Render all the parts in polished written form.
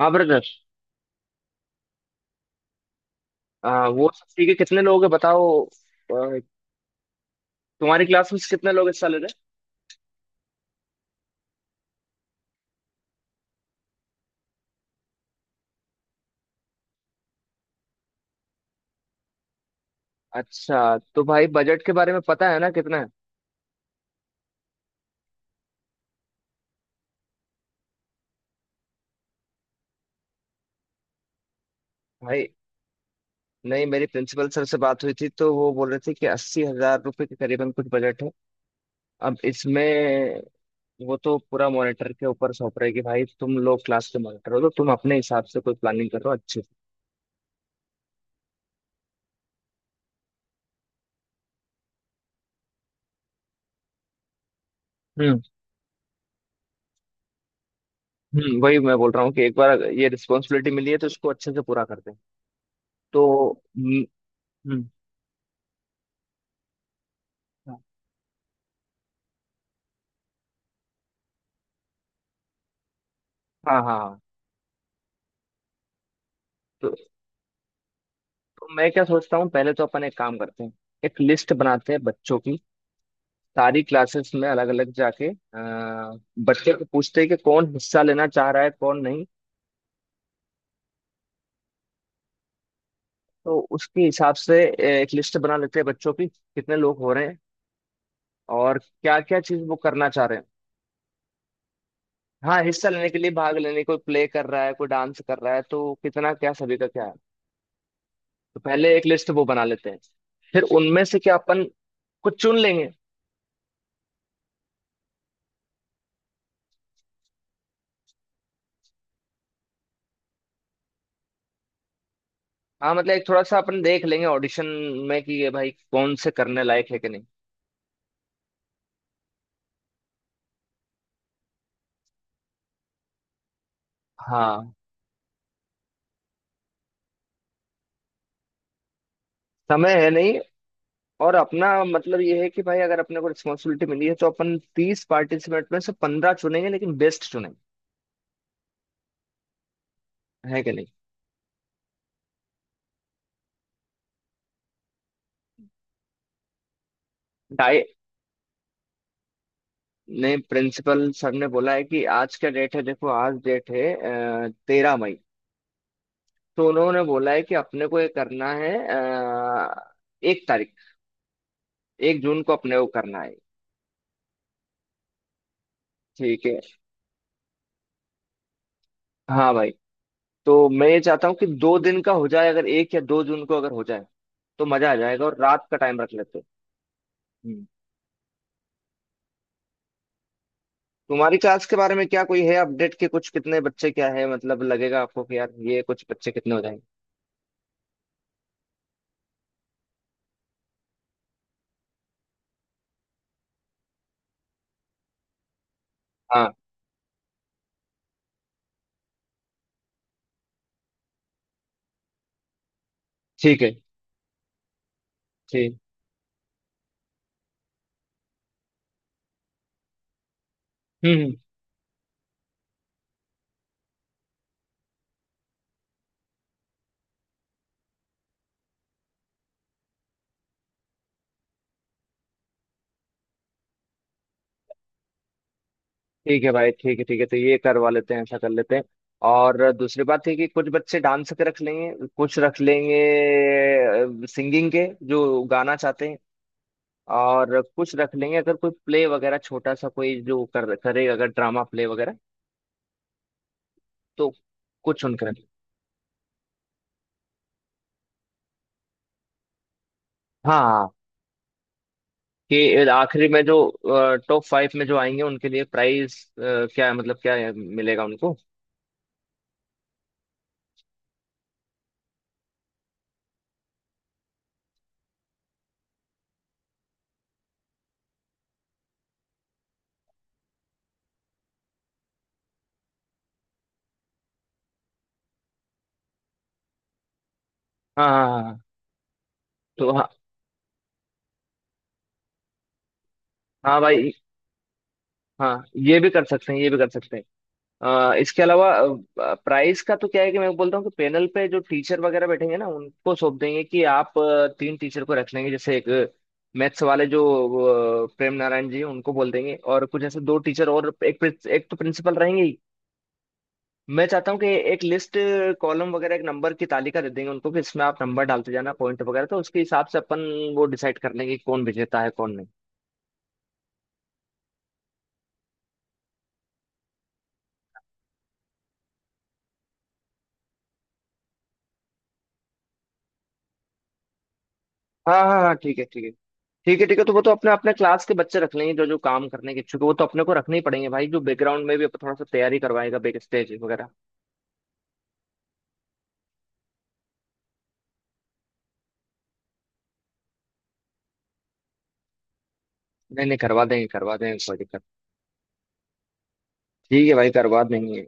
हाँ ब्रदर। वो सब ठीक है। कितने लोग हैं बताओ? तुम्हारी क्लास में कितने लोग हिस्सा ले रहे हैं? अच्छा तो भाई, बजट के बारे में पता है ना कितना है, भाई? नहीं, मेरी प्रिंसिपल सर से बात हुई थी तो वो बोल रहे थे कि 80,000 रुपये के करीबन कुछ बजट है। अब इसमें वो तो पूरा मॉनिटर के ऊपर सौंप रहे कि भाई तुम लोग क्लास के मॉनिटर हो तो तुम अपने हिसाब से कोई प्लानिंग करो अच्छे से। हम्म। वही मैं बोल रहा हूँ कि एक बार ये रिस्पॉन्सिबिलिटी मिली है तो इसको अच्छे से पूरा करते हैं। तो। हम्म, हम्म, हाँ, हाँ, हाँ। तो तो मैं क्या सोचता हूँ, पहले तो अपन एक काम करते हैं। एक लिस्ट बनाते हैं बच्चों की। सारी क्लासेस में अलग अलग जाके बच्चे को पूछते हैं कि कौन हिस्सा लेना चाह रहा है कौन नहीं। तो उसके हिसाब से एक लिस्ट बना लेते हैं बच्चों की कितने लोग हो रहे हैं। और क्या क्या चीज वो करना चाह रहे हैं। हाँ, हिस्सा लेने के लिए, भाग लेने, कोई प्ले कर रहा है कोई डांस कर रहा है, तो कितना क्या सभी का क्या है। तो पहले एक लिस्ट वो बना लेते हैं, फिर उनमें से क्या अपन कुछ चुन लेंगे। हाँ, मतलब एक थोड़ा सा अपन देख लेंगे ऑडिशन में, कि ये भाई कौन से करने लायक है कि नहीं। हाँ, समय है नहीं। और अपना मतलब ये है कि भाई अगर अपने को रिस्पॉन्सिबिलिटी मिली है तो अपन 30 पार्टिसिपेंट में से 15 चुनेंगे लेकिन बेस्ट चुनेंगे। है कि नहीं? डाई ने प्रिंसिपल सर ने बोला है कि आज का डेट है, देखो आज डेट है 13 मई। तो उन्होंने बोला है कि अपने को ये करना है एक तारीख 1 जून को अपने को करना है। ठीक है। हाँ भाई, तो मैं ये चाहता हूँ कि 2 दिन का हो जाए, अगर 1 या 2 जून को अगर हो जाए तो मजा आ जाएगा और रात का टाइम रख लेते हैं। हम्म। तुम्हारी क्लास के बारे में क्या कोई है अपडेट कि कुछ कितने बच्चे क्या है, मतलब लगेगा आपको कि यार ये कुछ बच्चे कितने हो जाएंगे? हाँ, ठीक है, ठीक। हम्म, हम्म। ठीक है भाई, ठीक है, ठीक है, तो ये करवा लेते हैं, ऐसा कर लेते हैं। और दूसरी बात है कि कुछ बच्चे डांस के रख लेंगे, कुछ रख लेंगे सिंगिंग के जो गाना चाहते हैं। और कुछ रख लेंगे अगर कोई प्ले वगैरह छोटा सा, कोई जो कर करे, अगर ड्रामा प्ले वगैरह। तो कुछ उनके। हाँ, कि आखिरी में जो टॉप 5 में जो आएंगे उनके लिए प्राइस क्या है, मतलब क्या है, मिलेगा उनको। हाँ, हाँ, हाँ, हाँ। तो हाँ। हाँ भाई। हाँ, ये भी कर सकते हैं, ये भी कर सकते हैं। इसके अलावा प्राइस का तो क्या है कि मैं बोलता हूँ कि पैनल पे जो टीचर वगैरह बैठेंगे ना उनको सौंप देंगे कि आप तीन टीचर को रख लेंगे, जैसे एक मैथ्स वाले जो प्रेम नारायण जी हैं, उनको बोल देंगे और कुछ ऐसे दो टीचर और एक तो प्रिंसिपल रहेंगे ही। मैं चाहता हूँ कि एक लिस्ट, कॉलम वगैरह, एक नंबर की तालिका दे देंगे उनको कि इसमें आप नंबर डालते जाना पॉइंट वगैरह, तो उसके हिसाब से अपन वो डिसाइड कर लेंगे कि कौन विजेता है कौन नहीं। हाँ, हाँ, हाँ, ठीक है, ठीक है, ठीक है, ठीक है, तो वो तो अपने अपने क्लास के बच्चे रख लेंगे जो जो काम करने के इच्छुक है, वो तो अपने को रखने ही पड़ेंगे भाई, जो बैकग्राउंड में भी अपन थोड़ा सा तैयारी करवाएगा बैक स्टेज वगैरह। नहीं नहीं, करवा देंगे, करवा देंगे, कोई दिक्कत। ठीक है भाई, करवा देंगे।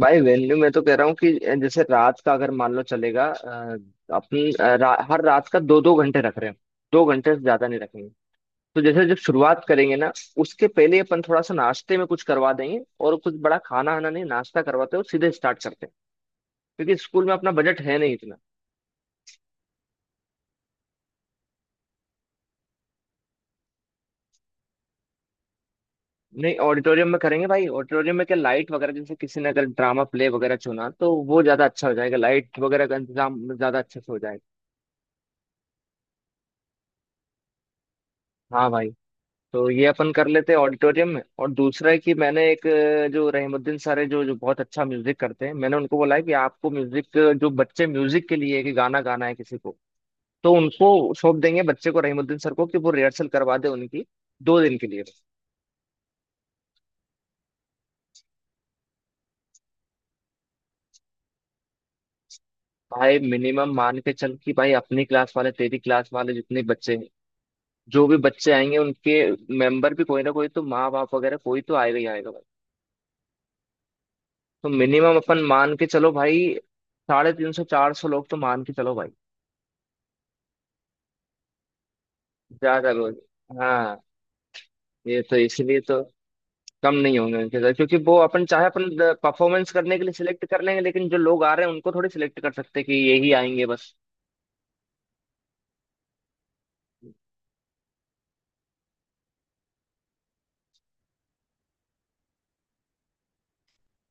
भाई वेन्यू मैं तो कह रहा हूँ कि जैसे रात का अगर मान लो चलेगा, अपन हर रात का 2-2 घंटे रख रहे हैं। 2 घंटे से ज्यादा नहीं रखेंगे। तो जैसे जब शुरुआत करेंगे ना, उसके पहले अपन थोड़ा सा नाश्ते में कुछ करवा देंगे और कुछ बड़ा खाना आना नहीं, नाश्ता करवाते हो सीधे स्टार्ट करते हैं। क्योंकि स्कूल में अपना बजट है नहीं इतना। नहीं, ऑडिटोरियम में करेंगे भाई। ऑडिटोरियम में क्या, लाइट वगैरह, जैसे किसी ने अगर ड्रामा प्ले वगैरह चुना तो वो ज्यादा अच्छा हो जाएगा, लाइट वगैरह का इंतजाम ज्यादा अच्छे से हो जाएगा। हाँ भाई, तो ये अपन कर लेते हैं ऑडिटोरियम में। और दूसरा है कि मैंने एक जो रहमुद्दीन सर है जो जो बहुत अच्छा म्यूजिक करते हैं, मैंने उनको बोला है कि आपको म्यूजिक, जो बच्चे म्यूजिक के लिए कि गाना गाना है किसी को, तो उनको सौंप देंगे बच्चे को रहीमुद्दीन सर को कि वो रिहर्सल करवा दे उनकी 2 दिन के लिए। भाई मिनिमम मान के चल कि भाई अपनी क्लास वाले, तेरी क्लास वाले जितने बच्चे हैं, जो भी बच्चे आएंगे उनके मेंबर भी कोई ना कोई तो, माँ बाप वगैरह कोई तो आएगा ही आएगा भाई। तो मिनिमम अपन मान के चलो भाई, 350 400 लोग तो मान के चलो भाई। ज्यादा लोग, हाँ, ये तो इसलिए तो। कम नहीं होंगे उनके साथ, क्योंकि वो अपन चाहे अपन परफॉर्मेंस करने के लिए सिलेक्ट कर लेंगे लेकिन जो लोग आ रहे हैं उनको थोड़ी सिलेक्ट कर सकते हैं कि यही आएंगे बस।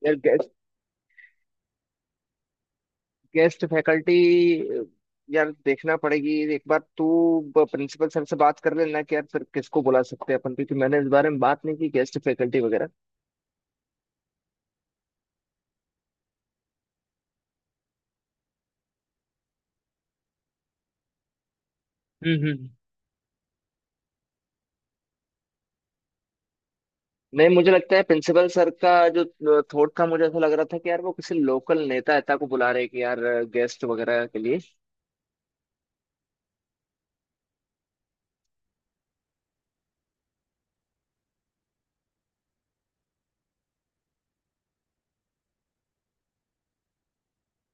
यार, गेस्ट गेस्ट फैकल्टी, यार, देखना पड़ेगी एक बार तू प्रिंसिपल सर से बात कर लेना कि यार फिर किसको बुला सकते हैं अपन, क्योंकि मैंने इस बारे में बात नहीं की गेस्ट फैकल्टी वगैरह। हम्म, हम्म। नहीं, मुझे लगता है प्रिंसिपल सर का जो थॉट था, मुझे ऐसा लग रहा था कि यार वो किसी लोकल नेता नेता को बुला रहे हैं कि यार, गेस्ट वगैरह के लिए।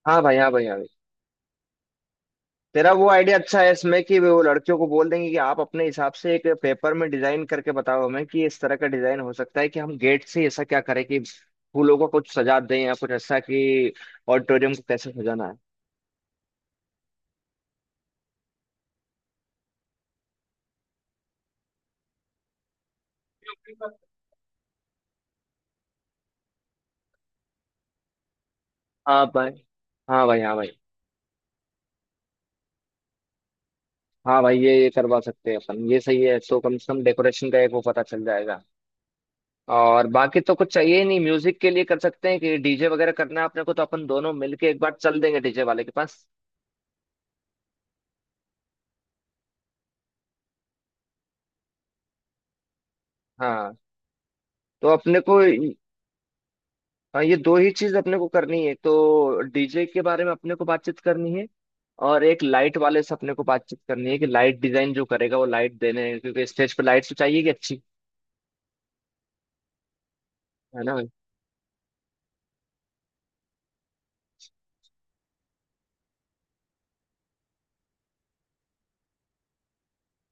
हाँ भाई, हाँ भाई, हाँ। तेरा वो आइडिया अच्छा है इसमें कि वो लड़कियों को बोल देंगे कि आप अपने हिसाब से एक पेपर में डिजाइन करके बताओ हमें, कि इस तरह का डिजाइन हो सकता है कि हम गेट से ऐसा क्या करें कि फूलों को कुछ सजा दें, या कुछ ऐसा कि ऑडिटोरियम को कैसे सजाना है। हाँ भाई, हाँ भाई, हाँ भाई, हाँ भाई, ये करवा सकते हैं अपन, ये सही है तो कम से कम डेकोरेशन का एक वो पता चल जाएगा। और बाकी तो कुछ चाहिए ही नहीं, म्यूजिक के लिए कर सकते हैं कि डीजे वगैरह करना है अपने को, तो अपन दोनों मिलके एक बार चल देंगे डीजे वाले के पास। हाँ, तो अपने को, हाँ, ये दो ही चीज अपने को करनी है, तो डीजे के बारे में अपने को बातचीत करनी है। और एक लाइट वाले से अपने को बातचीत करनी है कि लाइट डिजाइन जो करेगा वो लाइट देने हैं, क्योंकि स्टेज पे लाइट तो चाहिए कि अच्छी। है ना भाई?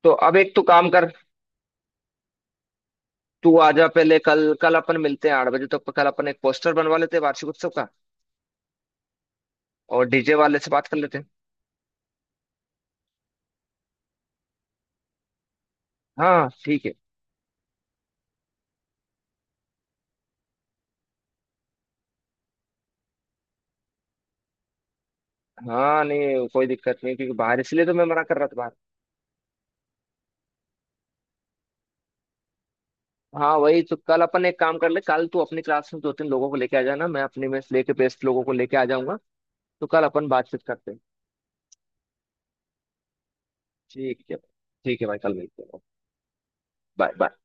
तो अब एक तो काम कर, तू आ जा पहले कल, कल अपन मिलते हैं 8 बजे तक, कल अपन एक पोस्टर बनवा लेते हैं वार्षिक उत्सव का। और डीजे वाले से बात कर लेते हैं। हाँ ठीक है। हाँ, नहीं कोई दिक्कत नहीं, क्योंकि बाहर इसलिए तो मैं मना कर रहा था बाहर। हाँ वही तो कल अपन एक काम कर ले, कल तू अपनी क्लास में दो तीन लोगों को लेके आ जाना, मैं अपनी में से लेके बेस्ट लोगों को लेके आ जाऊंगा। तो कल अपन बातचीत करते हैं। ठीक है। ठीक है भाई, कल मिलते हैं। Bye, bye.